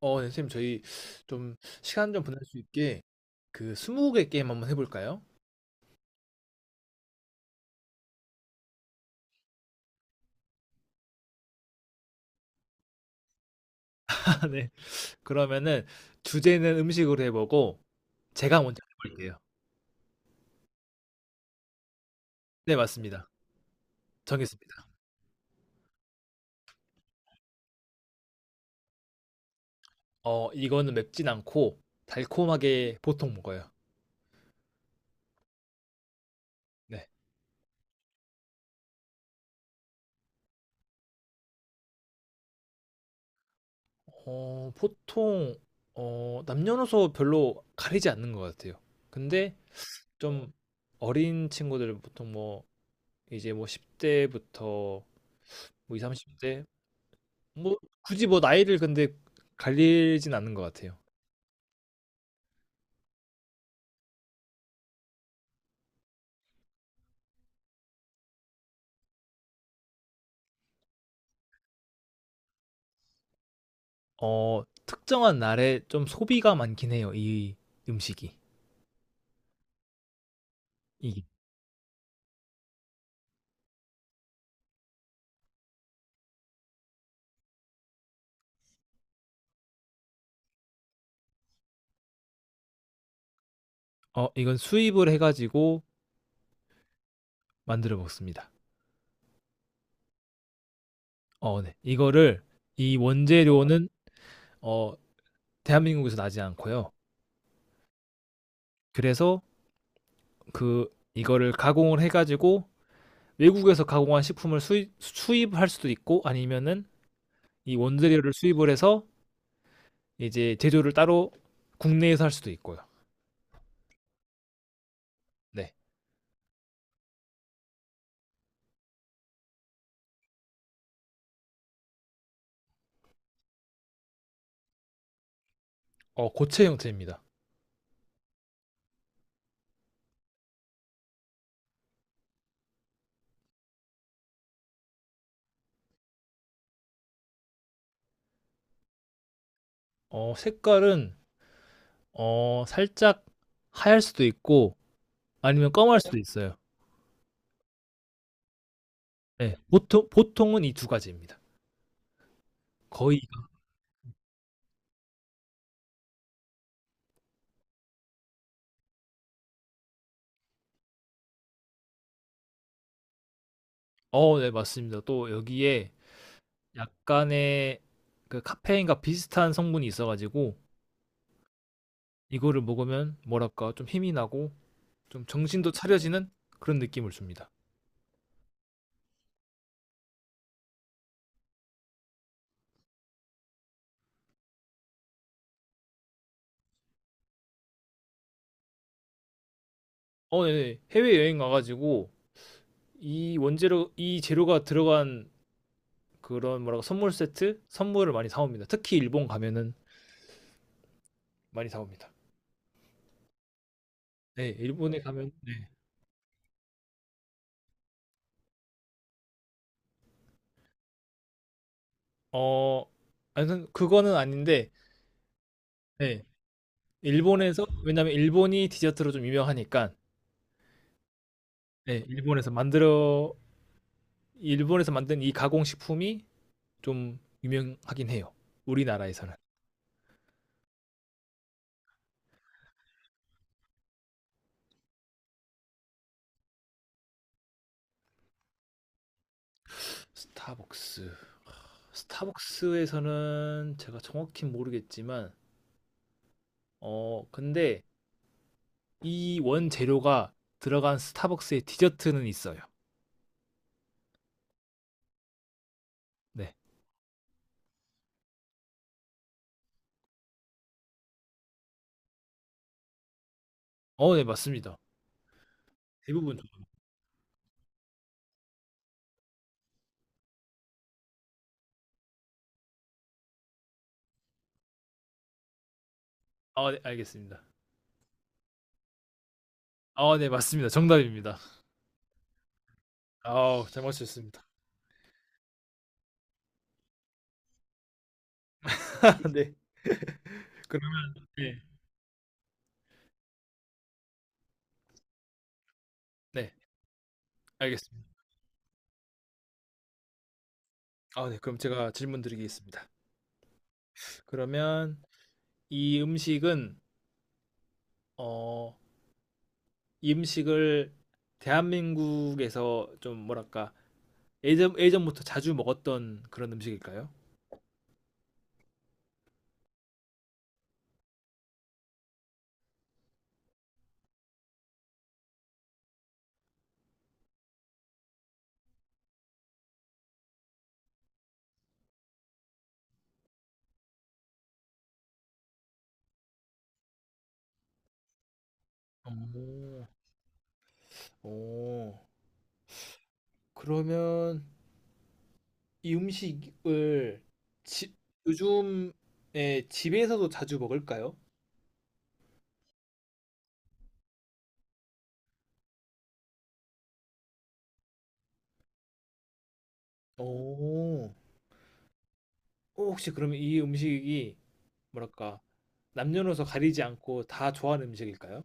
네, 선생님, 저희 좀 시간 좀 보낼 수 있게 그 스무고개 게임 한번 해볼까요? 아, 네. 그러면은 주제는 음식으로 해보고 제가 먼저 해볼게요. 네, 맞습니다. 정했습니다. 이거는 맵진 않고 달콤하게 보통 먹어요. 네. 보통 남녀노소 별로 가리지 않는 것 같아요. 근데 좀 어린 친구들은 보통 뭐 이제 뭐 10대부터 뭐2십 30대 뭐 굳이 뭐 나이를 근데 갈리진 않는 것 같아요. 특정한 날에 좀 소비가 많긴 해요. 이 음식이. 이 이건 수입을 해가지고 만들어 먹습니다. 네. 이거를 이 원재료는 어, 대한민국에서 나지 않고요. 그래서 그 이거를 가공을 해가지고 외국에서 가공한 식품을 수입할 수도 있고 아니면은 이 원재료를 수입을 해서 이제 제조를 따로 국내에서 할 수도 있고요. 네. 고체 형태입니다. 색깔은 살짝 하얄 수도 있고 아니면 검할 수도 있어요. 네, 보통은 이 두 가지입니다. 거의. 네, 맞습니다. 또 여기에 약간의 그 카페인과 비슷한 성분이 있어가지고 이거를 먹으면 뭐랄까 좀 힘이 나고 좀 정신도 차려지는 그런 느낌을 줍니다. 네, 해외 여행 가가지고 이 재료가 들어간 그런 뭐랄까 선물 세트 선물을 많이 사옵니다. 특히 일본 가면은 많이 사옵니다. 네. 일본에 가면 네. 어, 아무튼 그거는 아닌데 네. 일본에서 왜냐면 일본이 디저트로 좀 유명하니까 네. 일본에서 만든 이 가공식품이 좀 유명하긴 해요. 우리나라에서는. 스타벅스. 스타벅스에서는 제가 정확히 모르겠지만 근데 이 원재료가 들어간 스타벅스의 디저트는 있어요. 네. 네, 맞습니다. 대부분. 좀- 아, 네, 알겠습니다. 아, 네, 맞습니다. 정답입니다. 아우 잘 맞추셨습니다. 네. 그러면 네. 네. 알겠습니다. 아, 네. 그럼 제가 질문 드리겠습니다. 그러면 이 음식은 어, 이 음식을 대한민국에서 좀 뭐랄까? 예전부터 자주 먹었던 그런 음식일까요? 오. 오. 그러면 이 음식을 집 요즘에 집에서도 자주 먹을까요? 오. 혹시 그러면 이 음식이 뭐랄까 남녀노소 가리지 않고 다 좋아하는 음식일까요?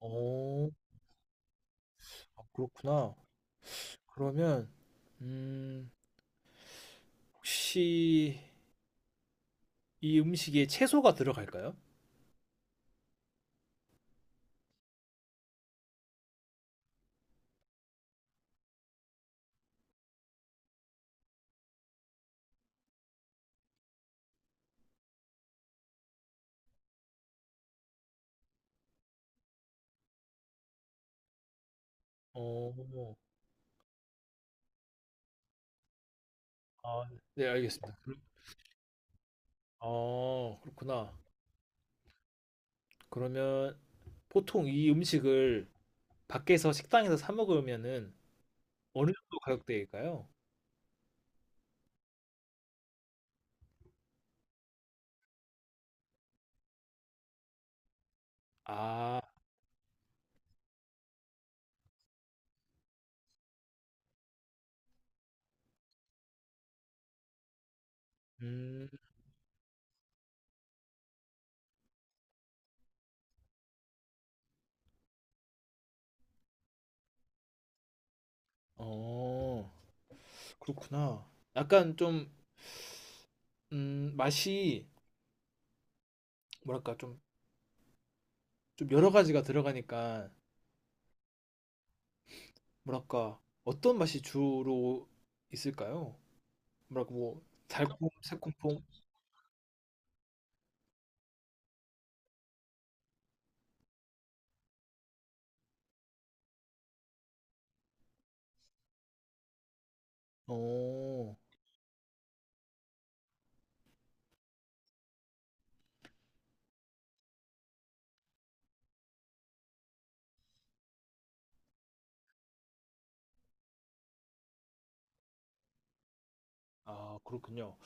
어, 아, 그렇구나. 그러면 음, 혹시 이 음식에 채소가 들어갈까요? 어, 아, 네, 알겠습니다. 그렇구나. 그러면 보통 이 음식을 밖에서 식당에서 사 먹으면은 어느 정도 가격대일까요? 아, 음, 어, 그렇구나. 약간 좀, 맛이 뭐랄까 좀 여러 가지가 들어가니까 뭐랄까 어떤 맛이 주로 있을까요? 뭐랄까 뭐 달콤, 새콤풍? 어, 아 그렇군요.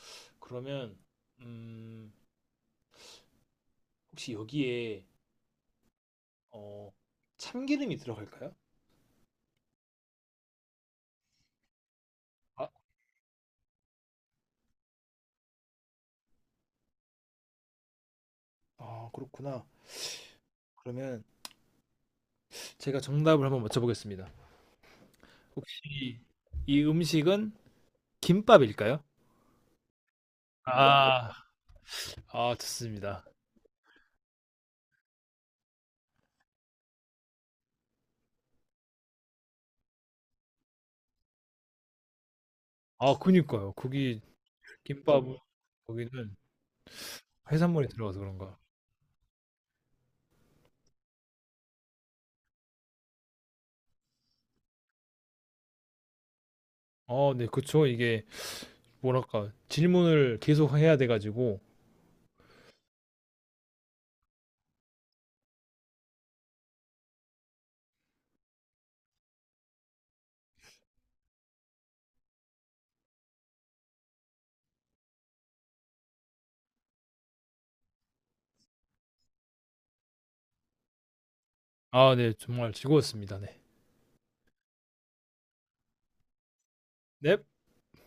그러면 음, 혹시 여기에 어, 참기름이 들어갈까요? 아, 아 그렇구나. 그러면 제가 정답을 한번 맞춰보겠습니다. 혹시 이 음식은 김밥일까요? 아, 아 좋습니다. 아 그니까요. 거기 김밥은 거기는 해산물이 들어가서 그런가. 네, 그쵸. 이게 뭐랄까 질문을 계속 해야 돼가지고 아, 네, 정말 즐거웠습니다. 네. 넵.